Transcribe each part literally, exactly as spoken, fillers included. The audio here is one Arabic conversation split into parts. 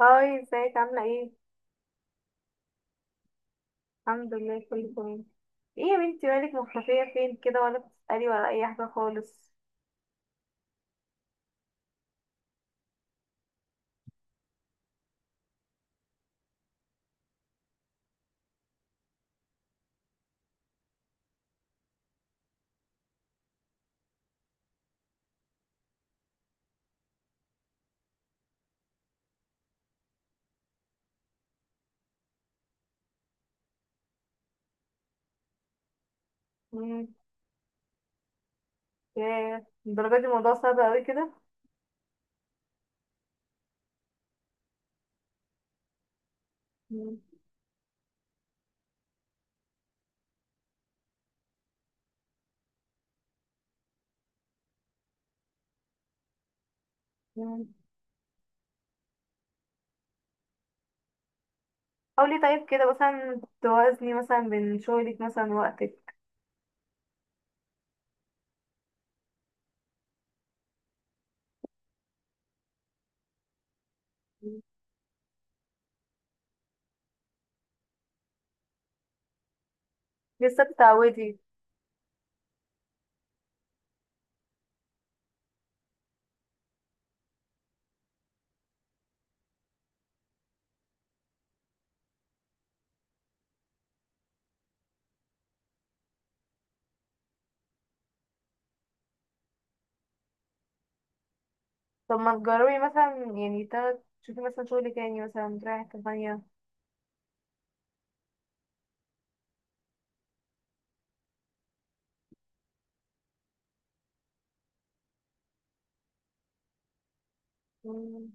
هاي، ازيك؟ عاملة ايه؟ الحمد لله، كله تمام. ايه يا بنتي، مالك مختفية فين كده؟ ولا بتسألي ولا أي حاجة خالص. مم. ياه، الدرجة دي الموضوع صعب اوي كده. مم. مم. حاولي طيب كده مثلا توازني مثلا بين شغلك مثلا ووقتك. مم. لسه بتعودي؟ طب ما تجربي مثلا، يعني تا- تشوفي مثلا شغل تاني، مثلا تروحي حتة تانية. مم.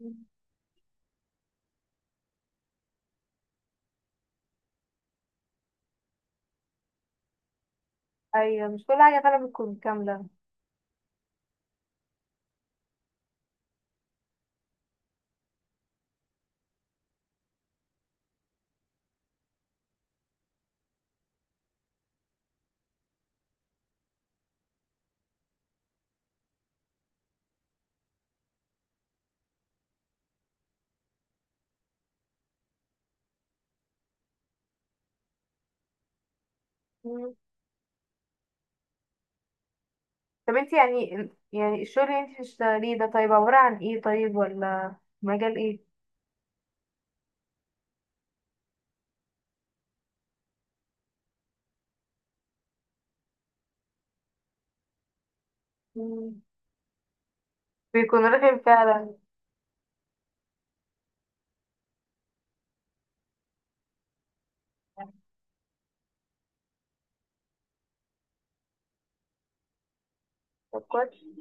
مم. أيوة، مش كل حاجة فعلا بتكون كاملة. طب انت يعني يعني الشغل اللي انت بتشتغليه ده طيب عبارة عن ايه طيب؟ ولا مجال ايه؟ مم. بيكون رخم فعلا. طب كويس.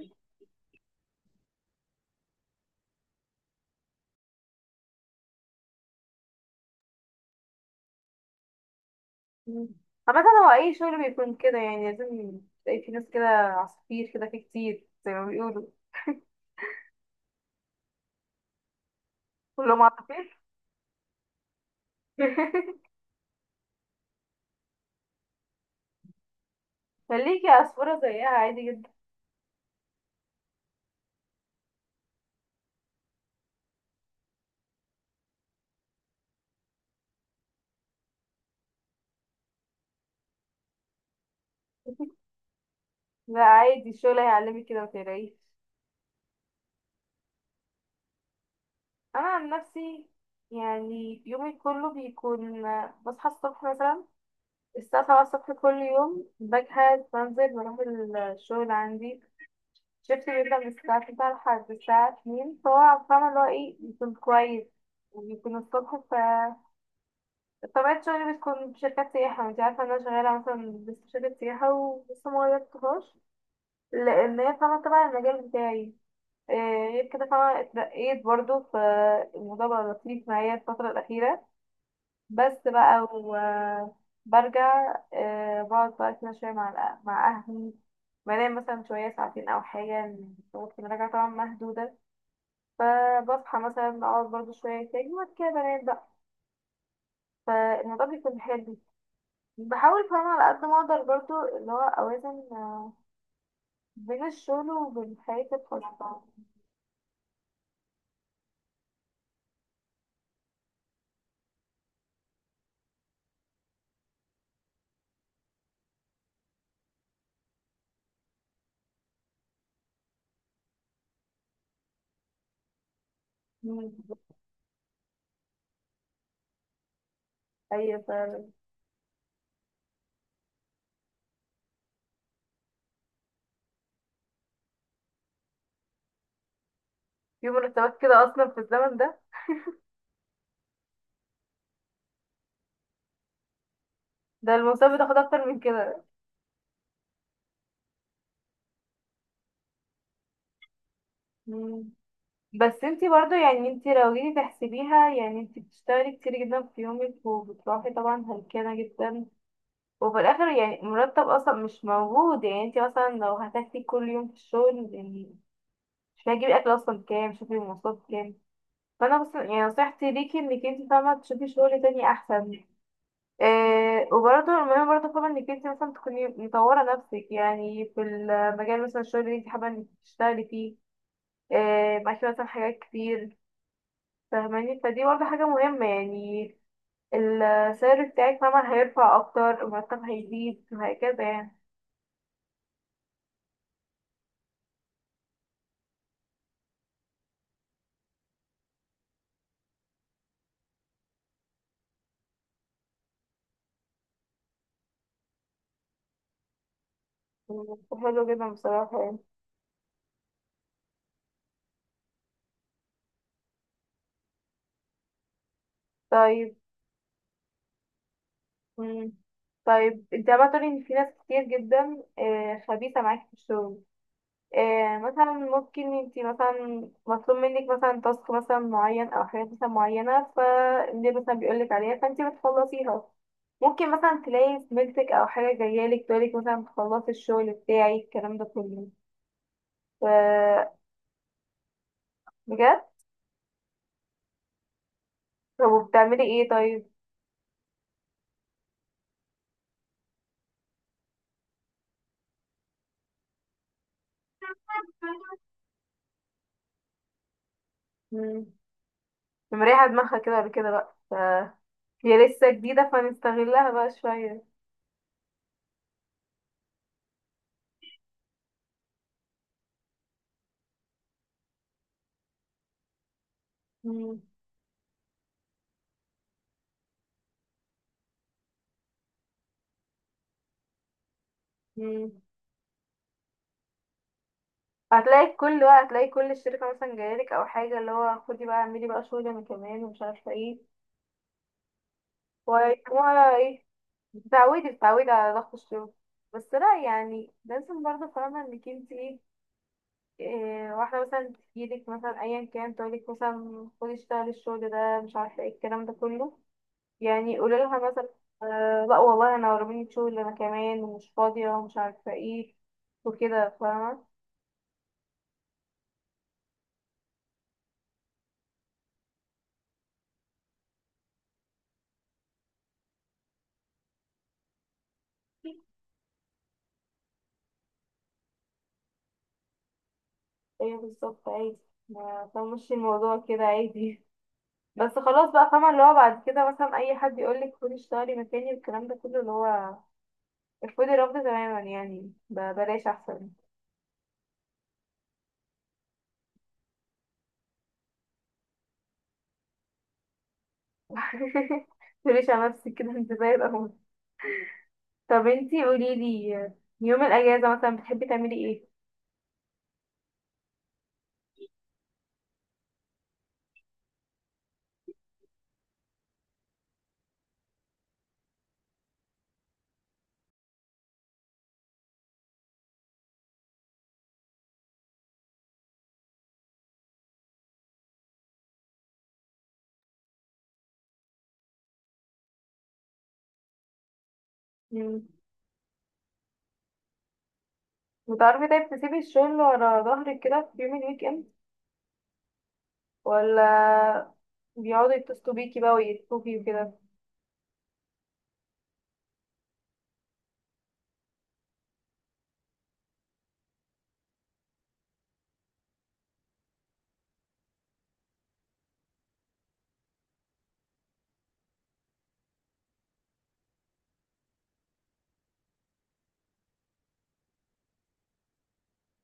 مم. عامة هو اي شغل بيكون كده، يعني لازم تلاقي في ناس كده عصافير كده، في كتير زي ما بيقولوا. كلهم عصافير. خليكي عصفورة زيها عادي جدا. لا، عادي، الشغل هيعلمك كده، متقلقيش. انا عن نفسي، يعني يومي كله بيكون، بصحى الصبح مثلا الساعة سبعة الصبح كل يوم، بجهز بنزل بروح الشغل عندي، شفت؟ بيبدأ من الساعة تسعة لحد الساعة اتنين، فهو فاهمة اللي هو ايه، يكون كويس ويكون الصبح. ف طبيعة شغلي بتكون في شركات سياحة، وانتي عارفة ان انا شغالة مثلا بس في شركة سياحة ولسه مغيرتهاش، لأن هي فاهمة تبع المجال بتاعي. إيه، غير كده، فاهمة، اترقيت برضه، فالموضوع بقى لطيف معايا الفترة الأخيرة. بس بقى وبرجع آه، بقعد بقى كده شوية مع الأ- مع أهلي. بنام مثلا شوية ساعتين أو حاجة، وقت ما راجعة طبعا مهدودة. فبصحى مثلا أقعد برضه شوية تاني، وبعد كده بنام بقى. فالموضوع بيكون حلو. بحاول فاهمة على قد ما أقدر برضه اللي هو أوازن آه، بين الشغل وبين حياتي الخاصة. مم. أيوة فعلا. في مرتبات كده أصلا في الزمن ده؟ ده المصاب بتاخد أكتر من كده. مم. بس انتي برضو، يعني انتي لو جيتي تحسبيها، يعني انتي بتشتغلي كتير جدا في يومك، وبتروحي طبعا هلكانة جدا، وفي الاخر يعني مرتب اصلا مش موجود. يعني انتي مثلا لو هتاكلي كل يوم في الشغل يعني، مش هتجيبي اكل اصلا؟ كام؟ شوفي المواصلات كام. فانا بس يعني نصيحتي ليكي انك انتي فاهمة تشوفي شغل تاني احسن. إيه، وبرضه المهم برضه فاهمة انك انتي مثلا تكوني مطورة نفسك، يعني في المجال مثلا الشغل اللي انتي حابة انك تشتغلي فيه. إيه، معاكي مثلا حاجات كتير، فاهماني؟ فدي برضه حاجة مهمة يعني. السعر بتاعك مهما هيرفع أكتر، المرتب هيزيد وهكذا يعني. مم. حلو جدا بصراحة يعني. طيب. مم. طيب انت بقى تقولي ان في ناس كتير جدا آه، خبيثة معاك في الشغل. آه، مثلا ممكن انت مثلا مطلوب منك مثلا تاسك مثلا معين او حاجات مثلا معينة، فاللي مثلا بيقولك عليها فانت بتخلصيها. ممكن مثلا تلاقي زميلتك او حاجة جاية لك تقولك مثلا تخلصي الشغل بتاعي، الكلام ده كله. ف- بجد؟ طب وبتعملي ايه طيب؟ مم. مريحة دماغها كده ولا كده بقى ف... هي لسه جديدة فنستغلها بقى شوية. مم. مم. هتلاقي كل بقى، هتلاقي كل الشركة مثلا جايلك أو حاجة، اللي هو خدي بقى اعملي بقى شغل أنا كمان ومش عارفة ايه ويكتبوها ايه. بتعودي بتعودي على ضغط الشغل. بس لا، يعني لازم برضه فاهمة انك انت ايه، إيه، واحدة مثلا تجيلك مثلا أيا كان تقولك مثلا خدي اشتغلي الشغل ده مش عارفة ايه، الكلام ده كله، يعني قولي لها مثلا آه لا والله انا ورميني شغل انا كمان ومش فاضية ومش عارفة ايه وكده فاهمة. ايه بالظبط، عادي، ما تمشي الموضوع كده عادي. بس خلاص بقى فاهمة اللي هو بعد كده مثلا اي حد يقولك خدي اشتغلي مكاني والكلام ده كله، اللي هو ارفضي الرفض تماما، يعني ب- بلاش احسن. متقوليش على نفسك كده انت زي الاول. طب انتي قوليلي، يوم الاجازة مثلا بتحبي تعملي ايه؟ مم. وتعرفي طيب تسيبي الشغل ورا ظهرك كده في يوم الويك اند؟ ولا بيقعدوا يتصلوا بيكي بقى ويتفوكي وكده؟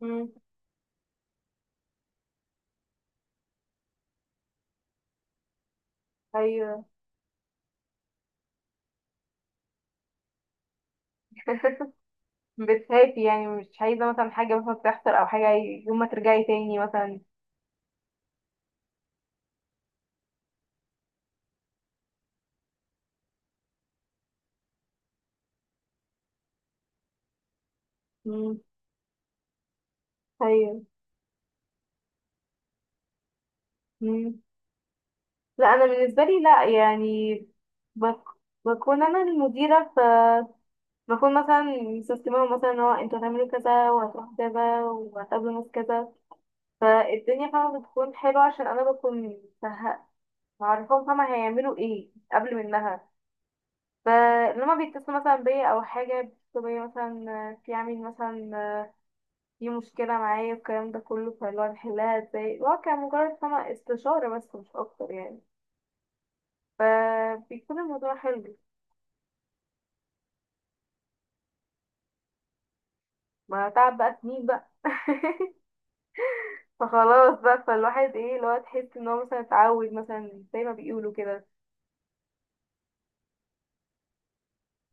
امم، ايوه. بتخافي يعني مش عايزة مثلا حاجة مثلا تحصل أو حاجة يوم ما ترجعي تاني مثلا؟ مم. أيوه. مم. لا، أنا بالنسبة لي لا يعني، بك... بكون أنا المديرة، ف بكون مثلا مسستمة مثلا إن هو أنتوا هتعملوا كذا وهتروحوا كذا وهتقابلوا ناس كذا، فالدنيا فاهمة بتكون حلوة عشان أنا بكون مه- معرفاهم فاهمة هيعملوا ايه قبل منها. ف لما بيتصلوا مثلا بيا او حاجه، بيتصلوا بيا مثلا في عميل مثلا في مشكله معايا الكلام ده كله، فاللي هو نحلها ازاي، اللي هو كان مجرد فما استشاره بس مش اكتر يعني. فبيكون الموضوع حلو. ما تعب بقى سنين بقى. فخلاص بقى، فالواحد ايه اللي هو تحس ان هو مثلا اتعود مثلا زي ما بيقولوا كده.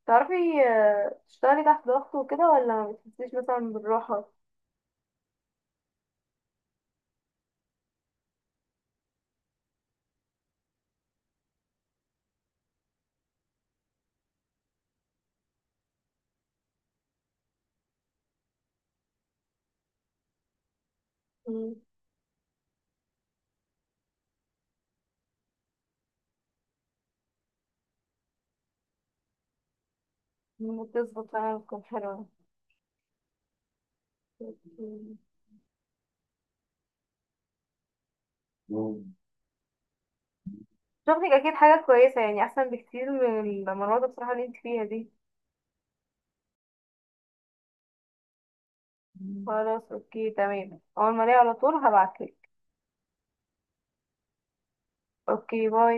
تعرفي آه، تشتغلي تحت ضغط وكده، ولا ما بتحسيش مثلا بالراحة؟ مم. بتظبط فعلا، بتكون حلوة. شغلك اكيد حاجة كويسة يعني، احسن بكتير من المرات بصراحة اللي انت فيها دي. خلاص اوكي تمام، اول ما الاقي على طول هبعتلك. اوكي باي.